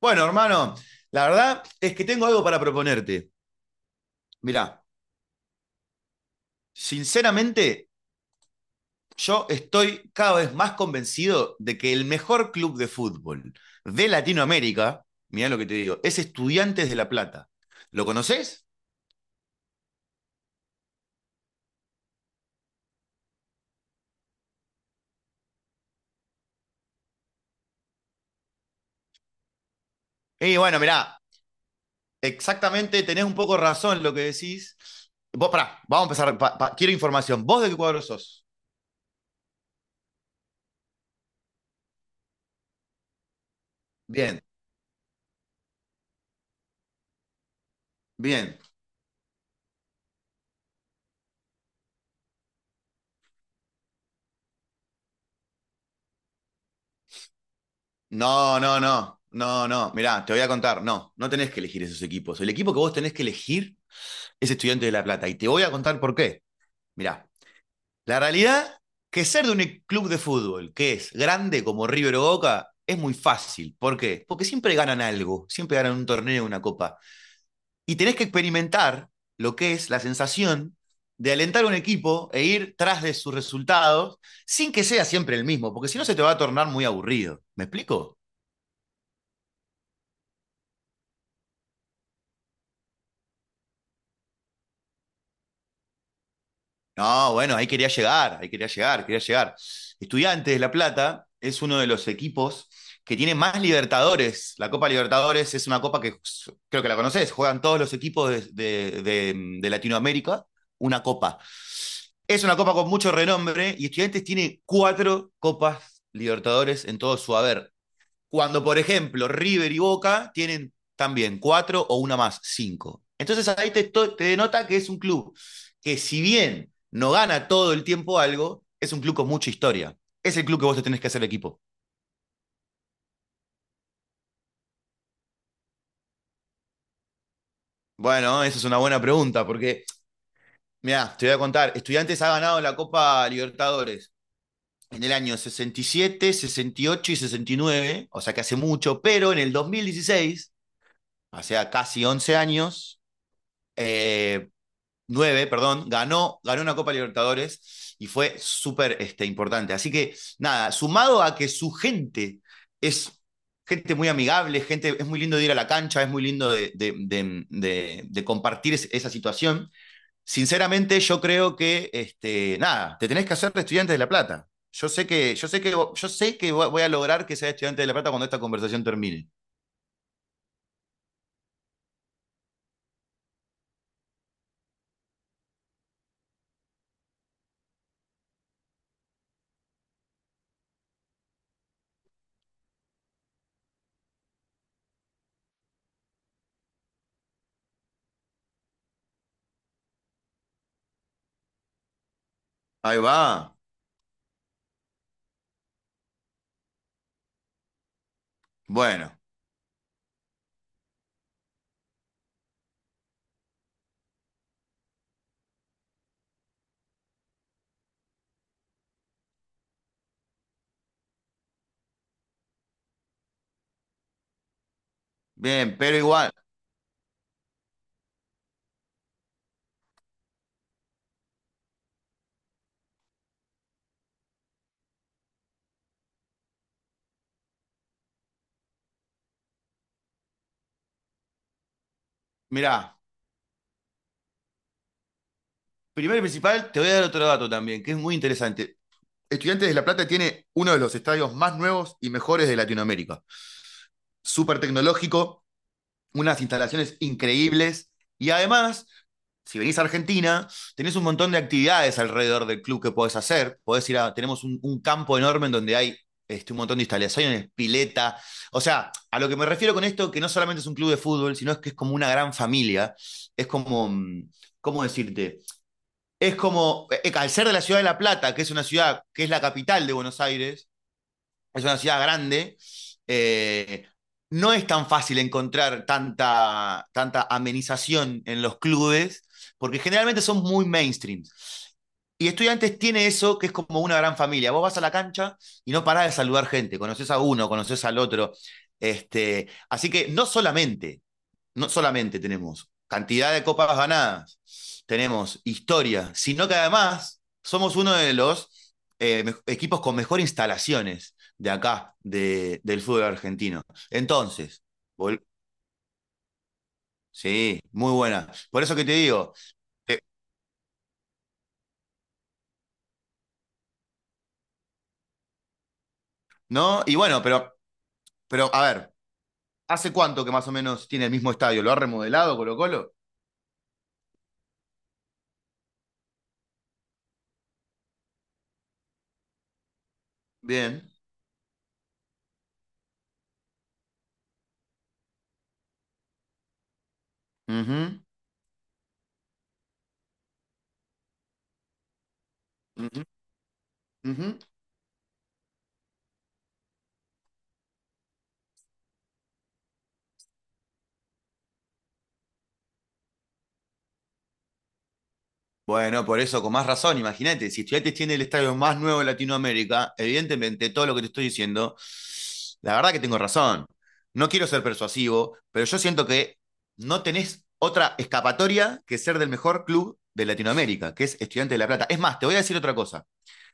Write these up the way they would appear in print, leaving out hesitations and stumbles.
Bueno, hermano, la verdad es que tengo algo para proponerte. Mirá, sinceramente, yo estoy cada vez más convencido de que el mejor club de fútbol de Latinoamérica, mirá lo que te digo, es Estudiantes de La Plata. ¿Lo conoces? Y bueno, mirá, exactamente tenés un poco razón lo que decís. Vos, pará, vamos a empezar. Quiero información. ¿Vos de qué cuadro sos? Bien, bien. No, no, no, no, no. Mirá, te voy a contar. No, no tenés que elegir esos equipos. El equipo que vos tenés que elegir es estudiante de La Plata. Y te voy a contar por qué. Mirá, la realidad que ser de un club de fútbol que es grande como River o Boca es muy fácil. ¿Por qué? Porque siempre ganan algo, siempre ganan un torneo, una copa. Y tenés que experimentar lo que es la sensación de alentar a un equipo e ir tras de sus resultados sin que sea siempre el mismo, porque si no se te va a tornar muy aburrido. ¿Me explico? No, bueno, ahí quería llegar, quería llegar. Estudiantes de La Plata es uno de los equipos que tiene más Libertadores. La Copa Libertadores es una copa que creo que la conoces, juegan todos los equipos de, de Latinoamérica, una copa. Es una copa con mucho renombre y Estudiantes tiene cuatro copas Libertadores en todo su haber. Cuando, por ejemplo, River y Boca tienen también cuatro o una más, cinco. Entonces ahí te, te denota que es un club que si bien no gana todo el tiempo algo, es un club con mucha historia. Es el club que vos te tenés que hacer equipo. Bueno, esa es una buena pregunta, porque mira, te voy a contar, Estudiantes ha ganado la Copa Libertadores en el año 67, 68 y 69, o sea que hace mucho, pero en el 2016, o sea, casi 11 años, eh, 9 perdón, ganó, ganó una Copa Libertadores y fue súper importante. Así que nada, sumado a que su gente es gente muy amigable, gente, es muy lindo de ir a la cancha, es muy lindo de compartir es, esa situación. Sinceramente, yo creo que, nada, te tenés que hacer de estudiante de La Plata. Yo sé que, yo sé que, yo sé que voy a lograr que sea estudiante de La Plata cuando esta conversación termine. Ahí va. Bueno, bien, pero igual, mirá, primero y principal, te voy a dar otro dato también, que es muy interesante. Estudiantes de La Plata tiene uno de los estadios más nuevos y mejores de Latinoamérica. Súper tecnológico, unas instalaciones increíbles y además, si venís a Argentina, tenés un montón de actividades alrededor del club que podés hacer. Podés ir a, tenemos un campo enorme en donde hay un montón de instalaciones, pileta. O sea, a lo que me refiero con esto, que no solamente es un club de fútbol, sino es que es como una gran familia. Es como, ¿cómo decirte? Es como, al ser de la ciudad de La Plata, que es una ciudad, que es la capital de Buenos Aires, es una ciudad grande, eh, no es tan fácil encontrar tanta amenización en los clubes, porque generalmente son muy mainstream. Y Estudiantes tiene eso que es como una gran familia. Vos vas a la cancha y no parás de saludar gente, conoces a uno, conoces al otro. Así que no solamente tenemos cantidad de copas ganadas, tenemos historia, sino que además somos uno de los equipos con mejor instalaciones de acá, de, del fútbol argentino. Entonces, sí, muy buena. Por eso que te digo, eh, ¿no? Y bueno, pero a ver, ¿hace cuánto que más o menos tiene el mismo estadio? ¿Lo ha remodelado Colo Colo? Bien. Ujú, ujú, ujú. Bueno, por eso, con más razón, imagínate, si Estudiantes tiene el estadio más nuevo de Latinoamérica, evidentemente todo lo que te estoy diciendo, la verdad que tengo razón. No quiero ser persuasivo, pero yo siento que no tenés otra escapatoria que ser del mejor club de Latinoamérica, que es Estudiantes de La Plata. Es más, te voy a decir otra cosa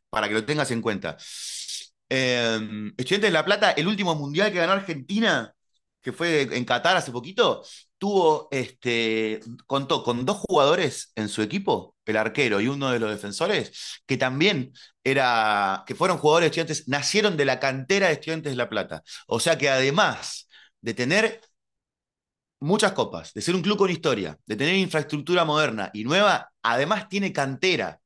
para que lo tengas en cuenta. Eh, Estudiantes de La Plata, el último mundial que ganó Argentina, que fue en Qatar hace poquito, tuvo contó con dos jugadores en su equipo, el arquero y uno de los defensores, que también era, que fueron jugadores de estudiantes, nacieron de la cantera de estudiantes de La Plata. O sea que además de tener muchas copas, de ser un club con historia, de tener infraestructura moderna y nueva, además tiene cantera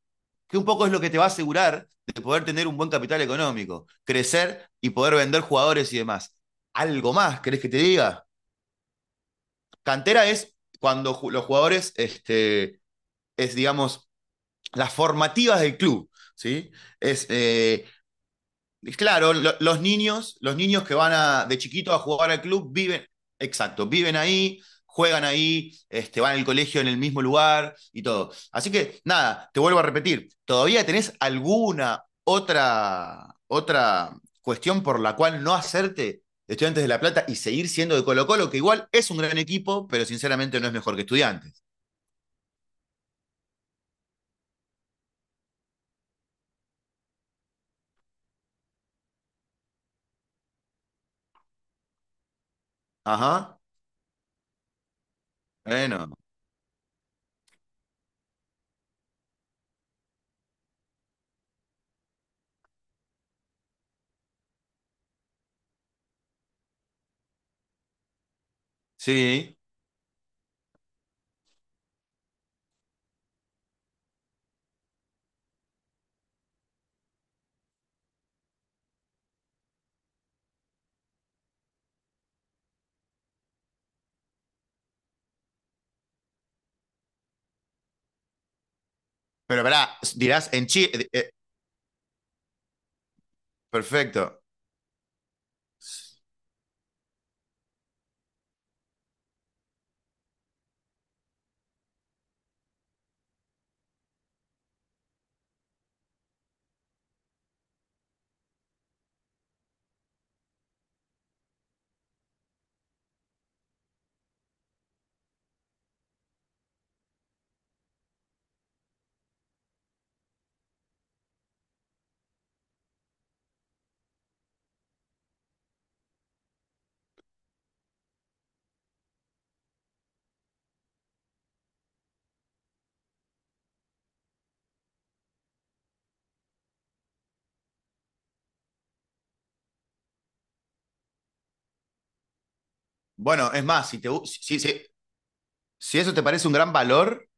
que un poco es lo que te va a asegurar de poder tener un buen capital económico, crecer y poder vender jugadores y demás. Algo más, ¿querés que te diga? Cantera es cuando los jugadores, es digamos, las formativas del club, ¿sí? Es claro, los niños que van a, de chiquito a jugar al club viven, exacto, viven ahí, juegan ahí, van al colegio en el mismo lugar y todo. Así que nada, te vuelvo a repetir, ¿todavía tenés alguna otra cuestión por la cual no hacerte Estudiantes de La Plata y seguir siendo de Colo-Colo, que igual es un gran equipo, pero sinceramente no es mejor que Estudiantes? Ajá, bueno, sí. Pero verá, dirás en Chile, perfecto. Bueno, es más, si eso te parece un gran valor,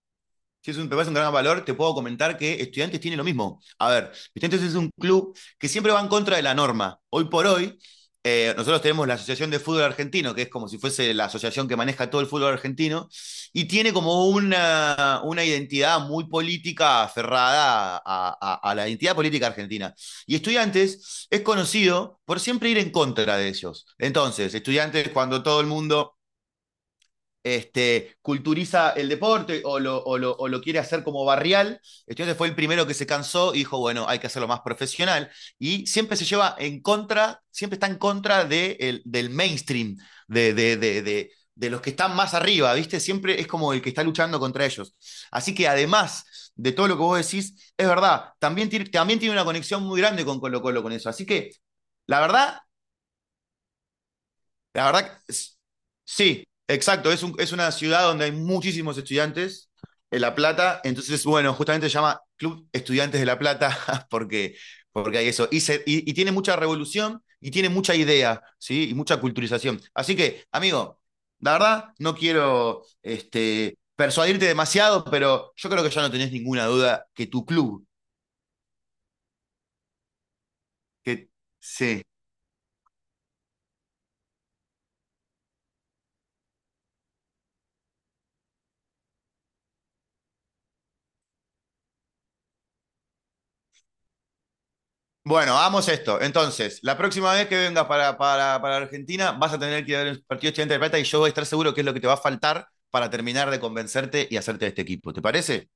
si eso te parece un gran valor, te puedo comentar que Estudiantes tiene lo mismo. A ver, Estudiantes es un club que siempre va en contra de la norma. Hoy por hoy, nosotros tenemos la Asociación de Fútbol Argentino, que es como si fuese la asociación que maneja todo el fútbol argentino, y tiene como una identidad muy política aferrada a la identidad política argentina. Y Estudiantes es conocido por siempre ir en contra de ellos. Entonces, Estudiantes, cuando todo el mundo culturiza el deporte o lo quiere hacer como barrial. Entonces fue el primero que se cansó y dijo, bueno, hay que hacerlo más profesional. Y siempre se lleva en contra, siempre está en contra de del mainstream, de los que están más arriba, ¿viste? Siempre es como el que está luchando contra ellos. Así que además de todo lo que vos decís, es verdad, también tiene una conexión muy grande con Colo Colo con eso. Así que la verdad, la verdad, que es- sí, exacto. Es una ciudad donde hay muchísimos estudiantes en La Plata. Entonces, bueno, justamente se llama Club Estudiantes de La Plata porque, porque hay eso. Y, y tiene mucha revolución y tiene mucha idea, ¿sí? Y mucha culturización. Así que, amigo, la verdad, no quiero persuadirte demasiado, pero yo creo que ya no tenés ninguna duda que tu club, que sí. Bueno, hagamos esto. Entonces, la próxima vez que vengas para Argentina, vas a tener que ir al partido estudiante de plata y yo voy a estar seguro que es lo que te va a faltar para terminar de convencerte y hacerte de este equipo. ¿Te parece?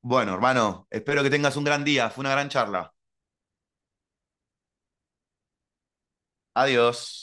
Bueno, hermano, espero que tengas un gran día. Fue una gran charla. Adiós.